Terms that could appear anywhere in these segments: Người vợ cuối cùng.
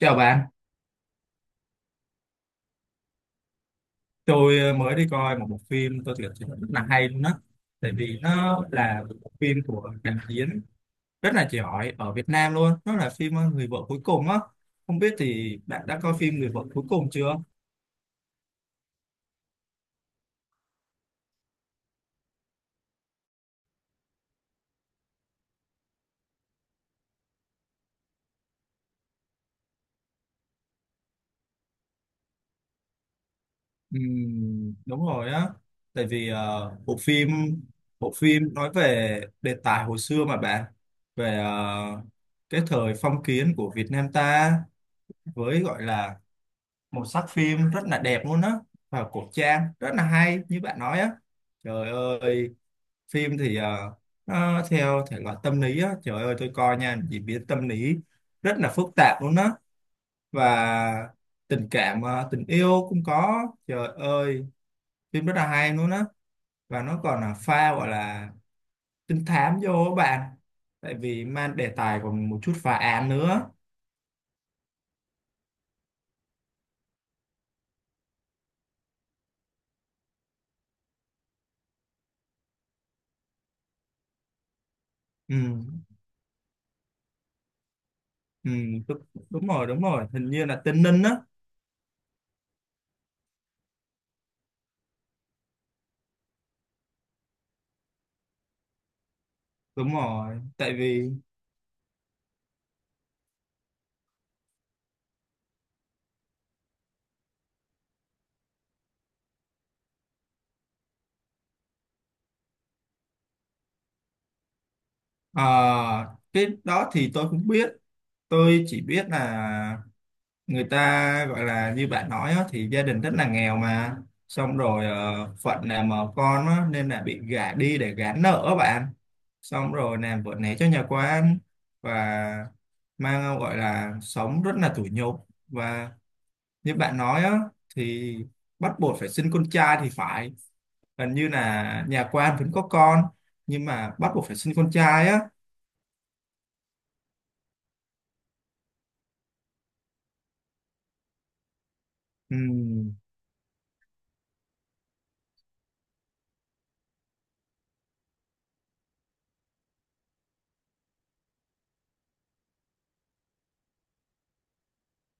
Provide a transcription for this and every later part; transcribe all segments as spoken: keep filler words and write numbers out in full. Chào bạn, tôi ờ, mới đi coi một bộ phim tôi thực sự rất là hay luôn đó. Tại vì nó là một bộ phim của đạo diễn rất là giỏi ở Việt Nam luôn. Nó là phim ờ, Người vợ cuối cùng á. Không biết thì bạn đã coi phim Người vợ cuối cùng chưa? Ừm, đúng rồi á. Tại vì ờ, bộ phim bộ phim nói về đề tài hồi xưa mà bạn về ờ, cái thời phong kiến của Việt Nam ta, với gọi là màu sắc phim rất là đẹp luôn á và cổ trang rất là hay như bạn nói á, trời ơi. Phim thì ờ, nó theo thể loại tâm lý á, trời ơi tôi coi nha, diễn biến tâm lý rất là phức tạp luôn á, và tình cảm ờ, tình yêu cũng có, trời ơi phim rất là hay luôn á, và nó còn là pha gọi là trinh thám vô á bạn, tại vì mang đề tài còn một chút phá án nữa. Ừ, ừ đúng, đúng rồi đúng rồi Hình như là tên Ninh á. Đúng rồi, tại vì. Ờ, cái đó thì tôi cũng biết, tôi chỉ biết là người ta gọi là như bạn nói á, thì gia đình rất là nghèo mà, xong rồi ờ, phận làm mà con á, nên là bị gả đi để gán nợ á bạn, xong rồi làm vợ né cho nhà quan và mang gọi là sống rất là tủi nhục, và như bạn nói á, thì bắt buộc phải sinh con trai thì phải, gần như là nhà quan vẫn có con nhưng mà bắt buộc phải sinh con trai á. Ừm.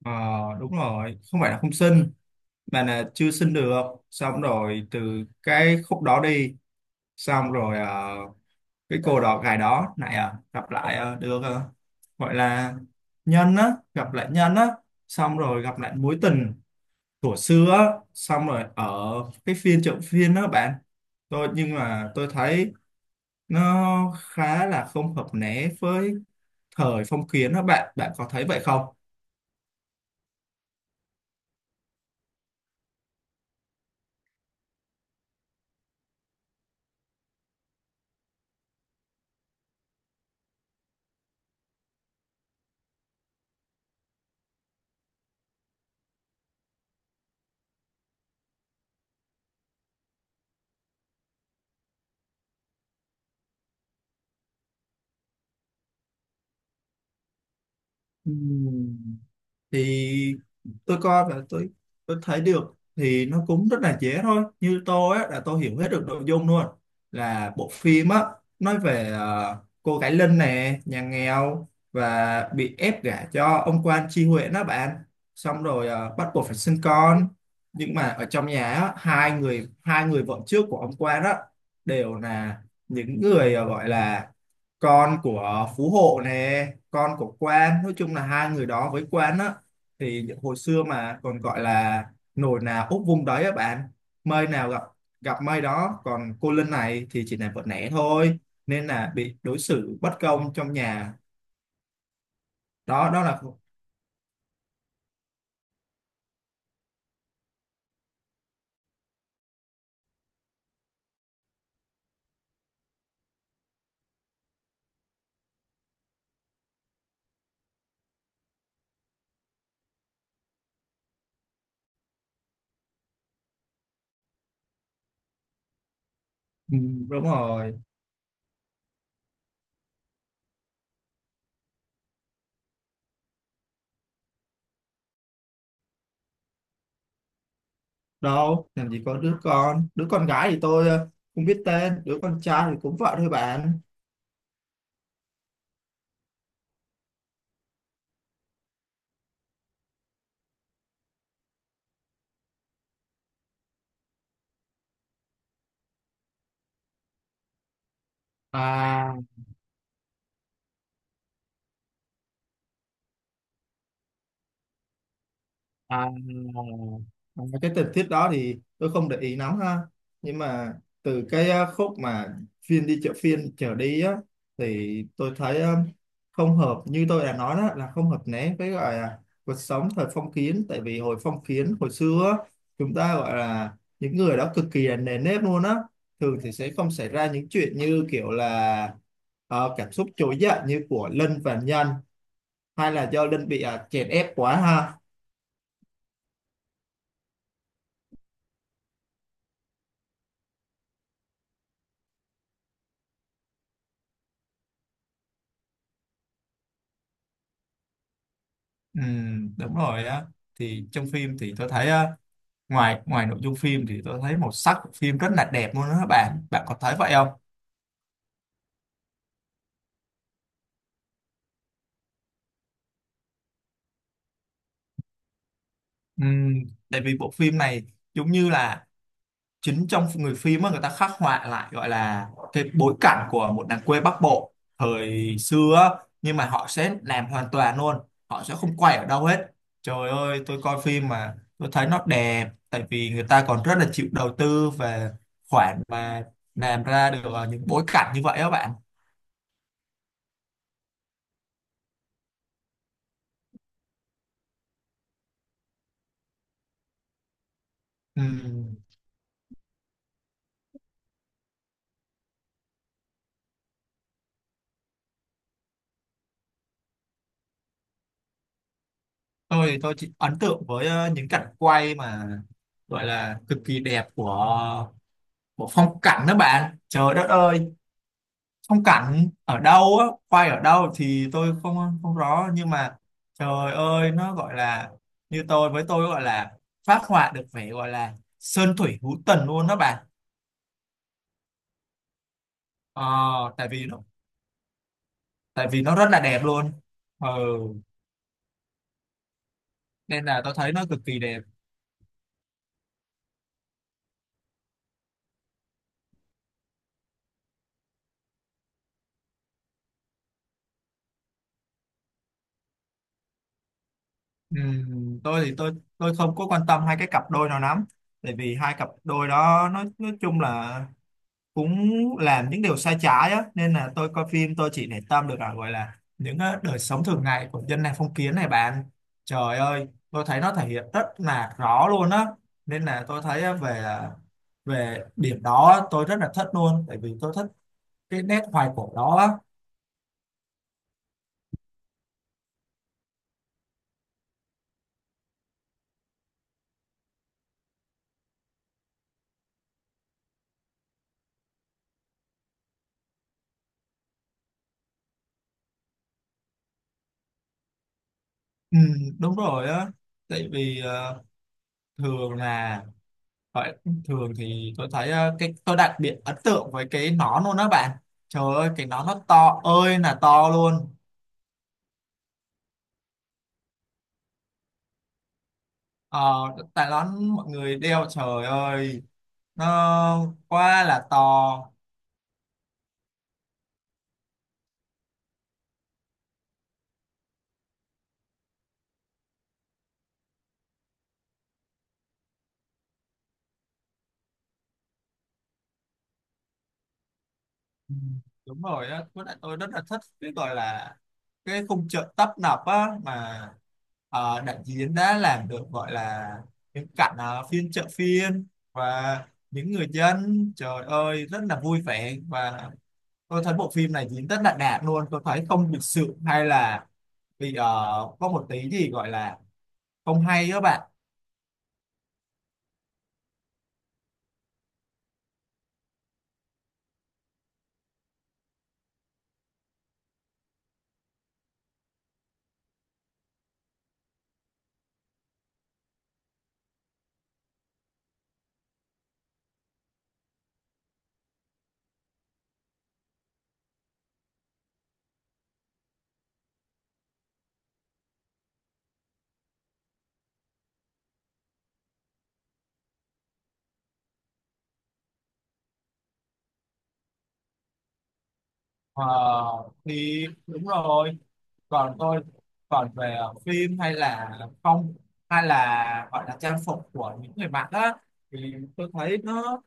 Ờ, đúng rồi, không phải là không xin mà là chưa xin được. Xong rồi từ cái khúc đó đi, xong rồi ờ, cái cô đó gái đó này à, gặp lại ờ, được ờ, gọi là nhân á, gặp lại nhân á, xong rồi gặp lại mối tình của xưa á, xong rồi ở cái phiên chợ phiên đó bạn. Tôi nhưng mà tôi thấy nó khá là không hợp né với thời phong kiến đó bạn, bạn có thấy vậy không? Ừ. Thì tôi coi và tôi tôi thấy được thì nó cũng rất là dễ thôi, như tôi á là tôi hiểu hết được nội dung luôn, là bộ phim á nói về ờ, cô gái Linh nè, nhà nghèo và bị ép gả cho ông quan tri huyện đó bạn, xong rồi ờ, bắt buộc phải sinh con, nhưng mà ở trong nhà á, hai người hai người vợ trước của ông quan đó đều là những người ờ, gọi là con của phú hộ nè, con của quan, nói chung là hai người đó với quan á, thì những hồi xưa mà còn gọi là nồi nào úp vung đấy á bạn, mây nào gặp gặp mây đó, còn cô Linh này thì chỉ là vợ lẽ thôi nên là bị đối xử bất công trong nhà. Đó đó là. Ừ, đúng rồi. Đâu làm gì có đứa con, đứa con gái thì tôi ờ, không biết tên, đứa con trai thì cũng vợ thôi bạn. À À, à, cái tình tiết đó thì tôi không để ý lắm ha, nhưng mà từ cái ờ, khúc mà phiên đi chợ phiên trở đi á thì tôi thấy ờ, không hợp, như tôi đã nói đó là không hợp né với gọi là cuộc sống thời phong kiến, tại vì hồi phong kiến hồi xưa á, chúng ta gọi là những người đó cực kỳ là nề nếp luôn á, thường thì sẽ không xảy ra những chuyện như kiểu là ờ, cảm xúc trỗi dậy như của Lân và Nhân, hay là do Lân bị ờ, chèn ép quá ha. Ừ, đúng rồi á. Thì trong phim thì tôi thấy á, ngoài ngoài nội dung phim thì tôi thấy màu sắc của phim rất là đẹp luôn đó các bạn, bạn có thấy vậy không? Ừ, tại vì bộ phim này giống như là chính trong người phim á, người ta khắc họa lại gọi là cái bối cảnh của một làng quê Bắc Bộ thời xưa á, nhưng mà họ sẽ làm hoàn toàn luôn, họ sẽ không quay ở đâu hết, trời ơi tôi coi phim mà tôi thấy nó đẹp, tại vì người ta còn rất là chịu đầu tư về khoản mà làm ra được ờ, những bối cảnh như vậy á bạn. Ừm, tôi thì tôi chỉ ấn tượng với ờ, những cảnh quay mà gọi là cực kỳ đẹp của ờ, của phong cảnh đó bạn, trời đất ơi, phong cảnh ở đâu á, quay ở đâu thì tôi không không rõ, nhưng mà trời ơi nó gọi là, như tôi với tôi gọi là phát họa được vẻ gọi là sơn thủy hữu tình luôn đó bạn. ờ, tại vì nó Tại vì nó rất là đẹp luôn. Ừ, nên là tôi thấy nó cực kỳ đẹp. Ừm, tôi thì tôi tôi không có quan tâm hai cái cặp đôi nào lắm, tại vì hai cặp đôi đó nói nói chung là cũng làm những điều sai trái á, nên là tôi coi phim tôi chỉ để tâm được là gọi là những ờ, đời sống thường ngày của dân này phong kiến này bạn, trời ơi tôi thấy nó thể hiện rất là rõ luôn á, nên là tôi thấy ờ, về à, về điểm đó tôi rất là thích luôn, tại vì tôi thích cái nét hoài cổ đó á. Ừ, đúng rồi á, tại vì ờ, thường là gọi- thường thì tôi thấy ờ, cái tôi đặc biệt ấn tượng với cái nón luôn đó bạn, trời ơi cái nón nó to ơi là to luôn. Ờ, tại đó mọi người đeo, trời ơi nó quá là to. Ừ, đúng rồi á, với lại tôi rất là thích cái gọi là cái khung chợ tấp nập á, mà ờ, đạo diễn đã làm được gọi là những cảnh ờ, phiên chợ phiên, và những người dân trời ơi rất là vui vẻ, và tôi thấy bộ phim này diễn rất là đạt luôn, tôi thấy không lịch sự hay là bị ờ, có một tí gì gọi là không hay các bạn. Ờ, thì đúng rồi, còn tôi, còn về ờ, phim hay là không hay là gọi là trang phục của những người mặc á thì tôi thấy nó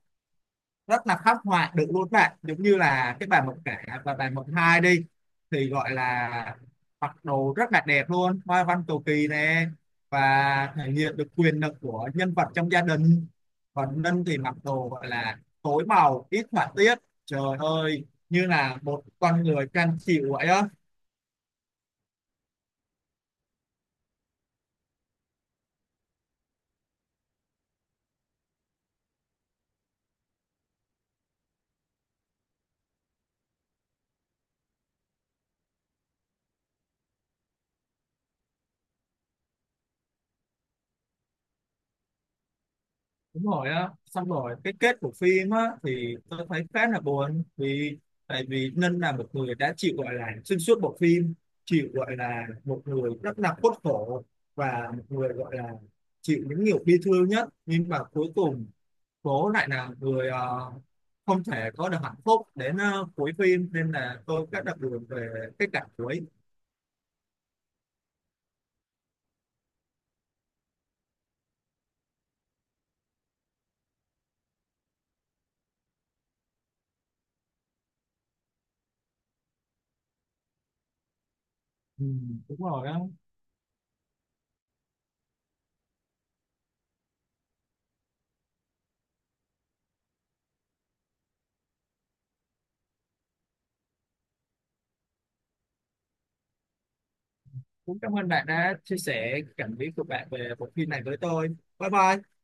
rất là khắc họa được luôn bạn, giống như là cái bài mộng cả và bài mộng hai đi thì gọi là mặc đồ rất là đẹp luôn, hoa văn cầu kỳ nè, và thể hiện được quyền lực của nhân vật trong gia đình, còn Ninh thì mặc đồ gọi là tối màu ít họa tiết, trời ơi như là một con người cam chịu vậy á. Đúng rồi á, xong rồi cái kết của phim á thì tôi thấy khá là buồn, vì tại vì Ninh là một người đã chịu gọi là xuyên suốt bộ phim, chịu gọi là một người rất là khuất khổ, và một người gọi là chịu những nhiều bi thương nhất nhưng mà cuối cùng cố lại là người ờ, không thể có được hạnh phúc đến ờ, cuối phim, nên là tôi rất là buồn về cái cảnh cuối. Ừ, đúng rồi á. Cũng cảm ơn bạn đã chia sẻ cảm nghĩ của bạn về bộ phim này với tôi. Bye bye.